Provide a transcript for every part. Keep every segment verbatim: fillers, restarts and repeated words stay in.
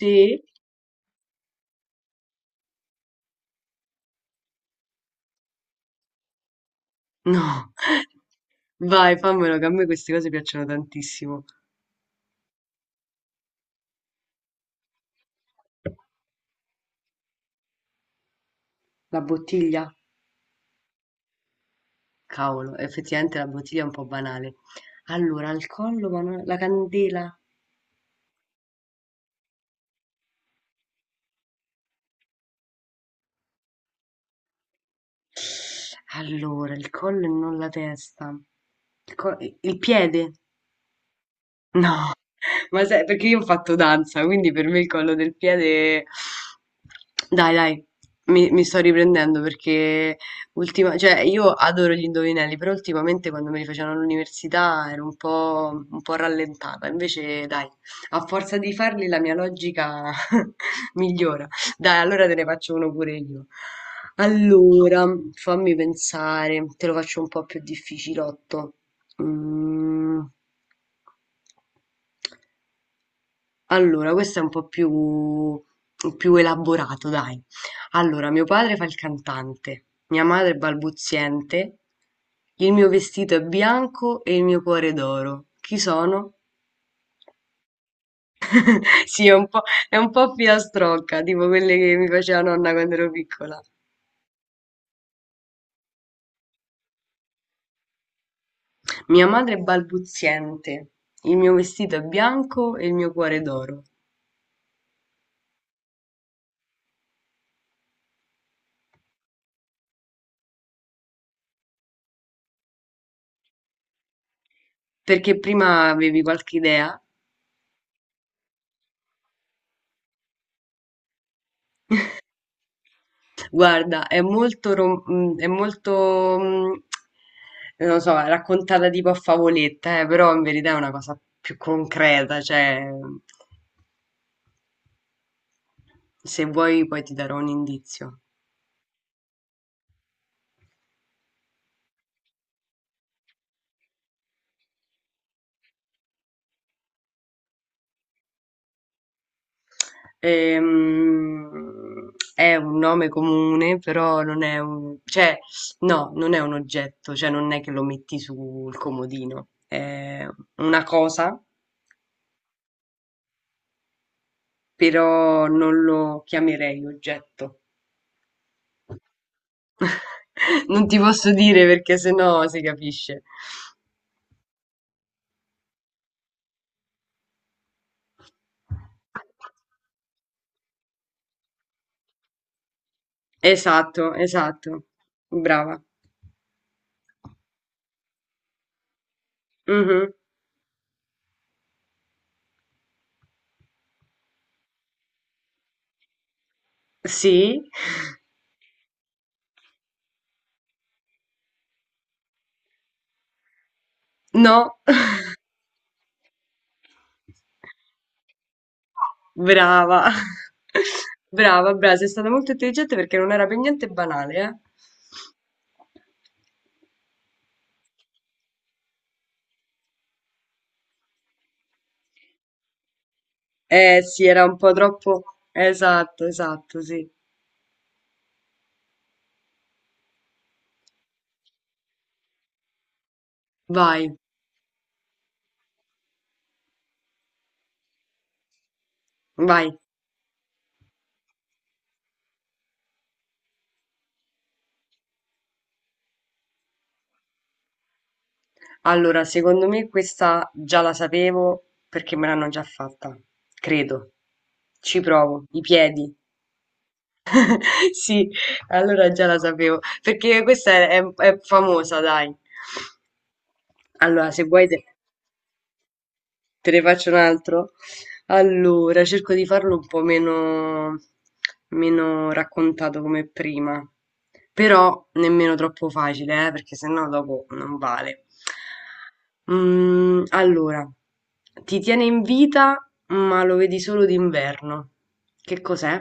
Sì? No, vai, fammelo, che a me queste cose piacciono tantissimo. La bottiglia? Cavolo, effettivamente la bottiglia è un po' banale. Allora, al collo, ma non... la candela. Allora, il collo e non la testa. Il, co- il piede? No. Ma sai, perché io ho fatto danza, quindi per me il collo del piede... Dai, dai, mi, mi sto riprendendo perché ultima... cioè, io adoro gli indovinelli, però ultimamente quando me li facevano all'università ero un po', un po' rallentata. Invece, dai, a forza di farli la mia logica migliora. Dai, allora te ne faccio uno pure io. Allora, fammi pensare, te lo faccio un po' più difficilotto. Mm. Allora, questo è un po' più, più elaborato, dai. Allora, mio padre fa il cantante, mia madre è balbuziente, il mio vestito è bianco e il mio cuore è d'oro. Chi sono? Sì, è un po', è un po' filastrocca, tipo quelle che mi faceva nonna quando ero piccola. Mia madre è balbuziente, il mio vestito è bianco e il mio cuore è d'oro. Perché prima avevi qualche idea? Guarda, è molto, rom- mm, è molto, mm, non lo so, raccontata tipo a favoletta, eh, però in verità è una cosa più concreta, cioè, se vuoi poi ti darò un indizio. Ehm, è un nome comune, però non è un, cioè, no, non è un oggetto, cioè non è che lo metti sul comodino, è una cosa, però non lo chiamerei oggetto. Non ti posso dire perché sennò si capisce. Esatto, esatto. Brava. Mhm. Sì. No. Brava. Brava, brava. Sei stata molto intelligente perché non era per niente banale, eh? Eh sì, era un po' troppo. Esatto, esatto, sì. Vai, vai. Allora, secondo me questa già la sapevo perché me l'hanno già fatta. Credo. Ci provo. I piedi. Sì, allora già la sapevo, perché questa è, è- è famosa, dai. Allora, se vuoi te, te ne faccio un altro. Allora, cerco di farlo un po' meno, meno raccontato come prima, però nemmeno troppo facile, eh, perché sennò dopo non vale. Mm, allora, ti tiene in vita, ma lo vedi solo d'inverno. Che cos'è?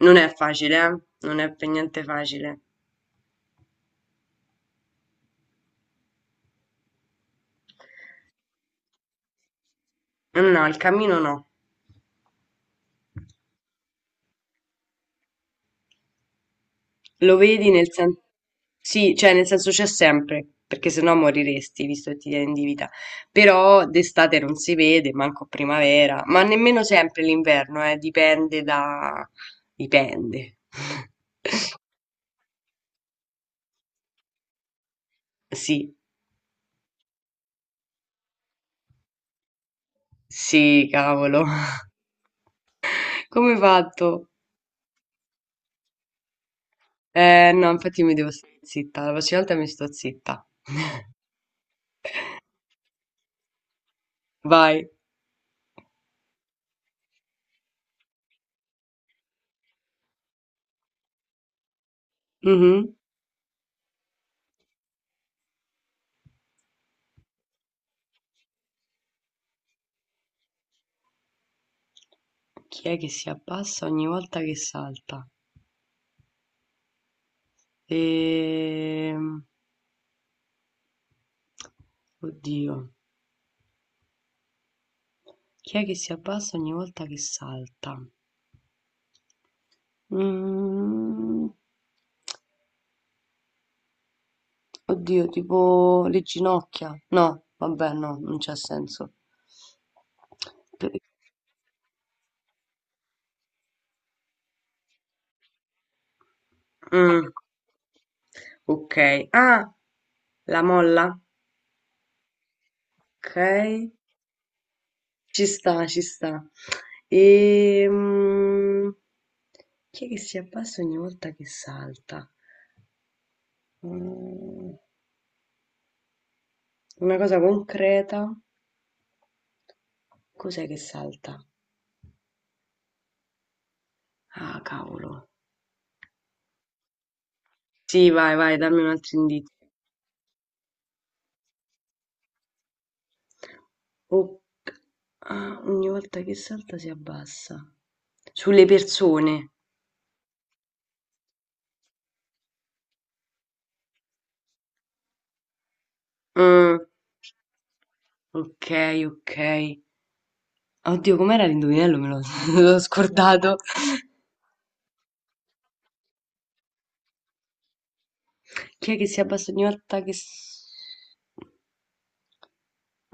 Non è facile, eh? Non è per niente facile. Mm, no, il cammino no. Lo vedi nel senso... Sì, cioè nel senso c'è sempre, perché sennò moriresti, visto che ti tieni di vita. Però d'estate non si vede, manco primavera, ma nemmeno sempre l'inverno, eh, dipende da... dipende. Sì, sì, cavolo. Come hai fatto? Eh, no, infatti mi devo stare zitta, la prossima volta mi sto zitta. Vai. Mhm. Chi è che si abbassa ogni volta che salta? Ehm... Oddio, chi è che si abbassa ogni volta che salta? Mhmm, oddio, tipo le ginocchia. No, vabbè, no, non c'ha senso. Per- Mm, ok. Ah, la molla? Ok, ci sta, ci sta. Ehm, chi è che si abbassa ogni volta che salta? Mm, una cosa concreta. Cos'è che salta? Ah, cavolo. Sì, vai, vai, dammi un altro indizio. O- ah, ogni volta che salta si abbassa. Sulle persone. Mm, ok, ok. Oddio, com'era l'indovinello? Me l'ho l'ho scordato. Chi è che si abbassa ogni volta che... s-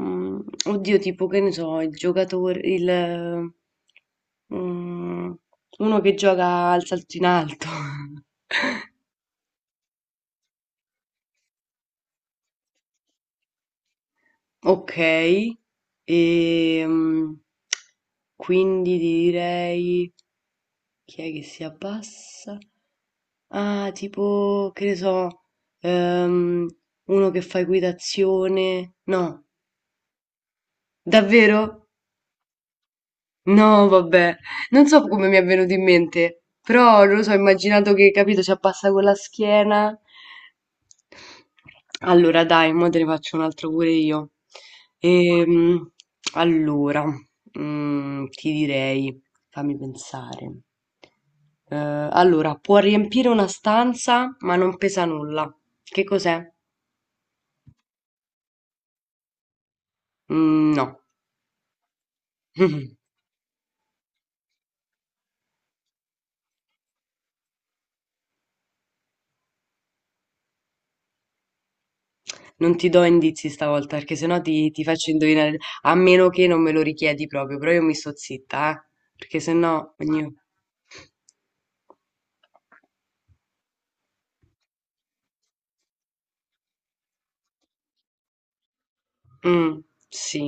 Mm, oddio, tipo, che ne so, il giocatore, il... eh, mm, uno che gioca al salto in alto. Okay, ehm, quindi ti direi chi è che si abbassa? Ah, tipo, che ne so, ehm, uno che fa equitazione. No, davvero? No, vabbè, non so come mi è venuto in mente, però non lo so, ho immaginato che, capito, ci appassa con la schiena. Allora, dai, mo te ne faccio un altro pure io. Ehm, allora, mm, ti direi, fammi pensare. Eh, allora, può riempire una stanza, ma non pesa nulla. Che cos'è? Mm, no. Non ti do indizi stavolta, perché sennò ti, ti faccio indovinare, a meno che non me lo richiedi proprio, però io mi sto zitta, eh, perché sennò ogni... Mm, sì,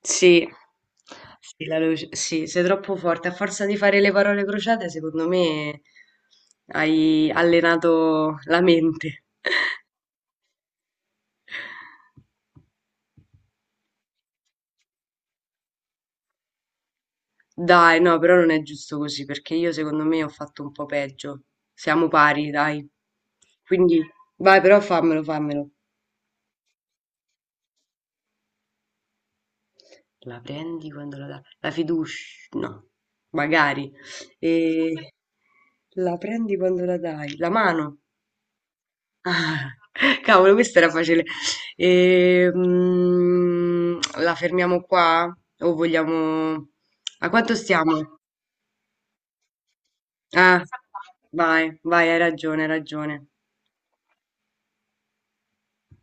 sì, sì, la luce, sì, sei troppo forte, a forza di fare le parole crociate, secondo me hai allenato la mente. Dai, no, però non è giusto così, perché io secondo me ho fatto un po' peggio. Siamo pari, dai. Quindi, vai, però fammelo, fammelo. La prendi quando la dà la fiducia, no, magari. Ehm, la prendi quando la dai, la mano. Ah, cavolo, questa era facile. Ehm, la fermiamo qua? O vogliamo... A quanto stiamo? Ah, vai, vai, hai ragione, hai ragione.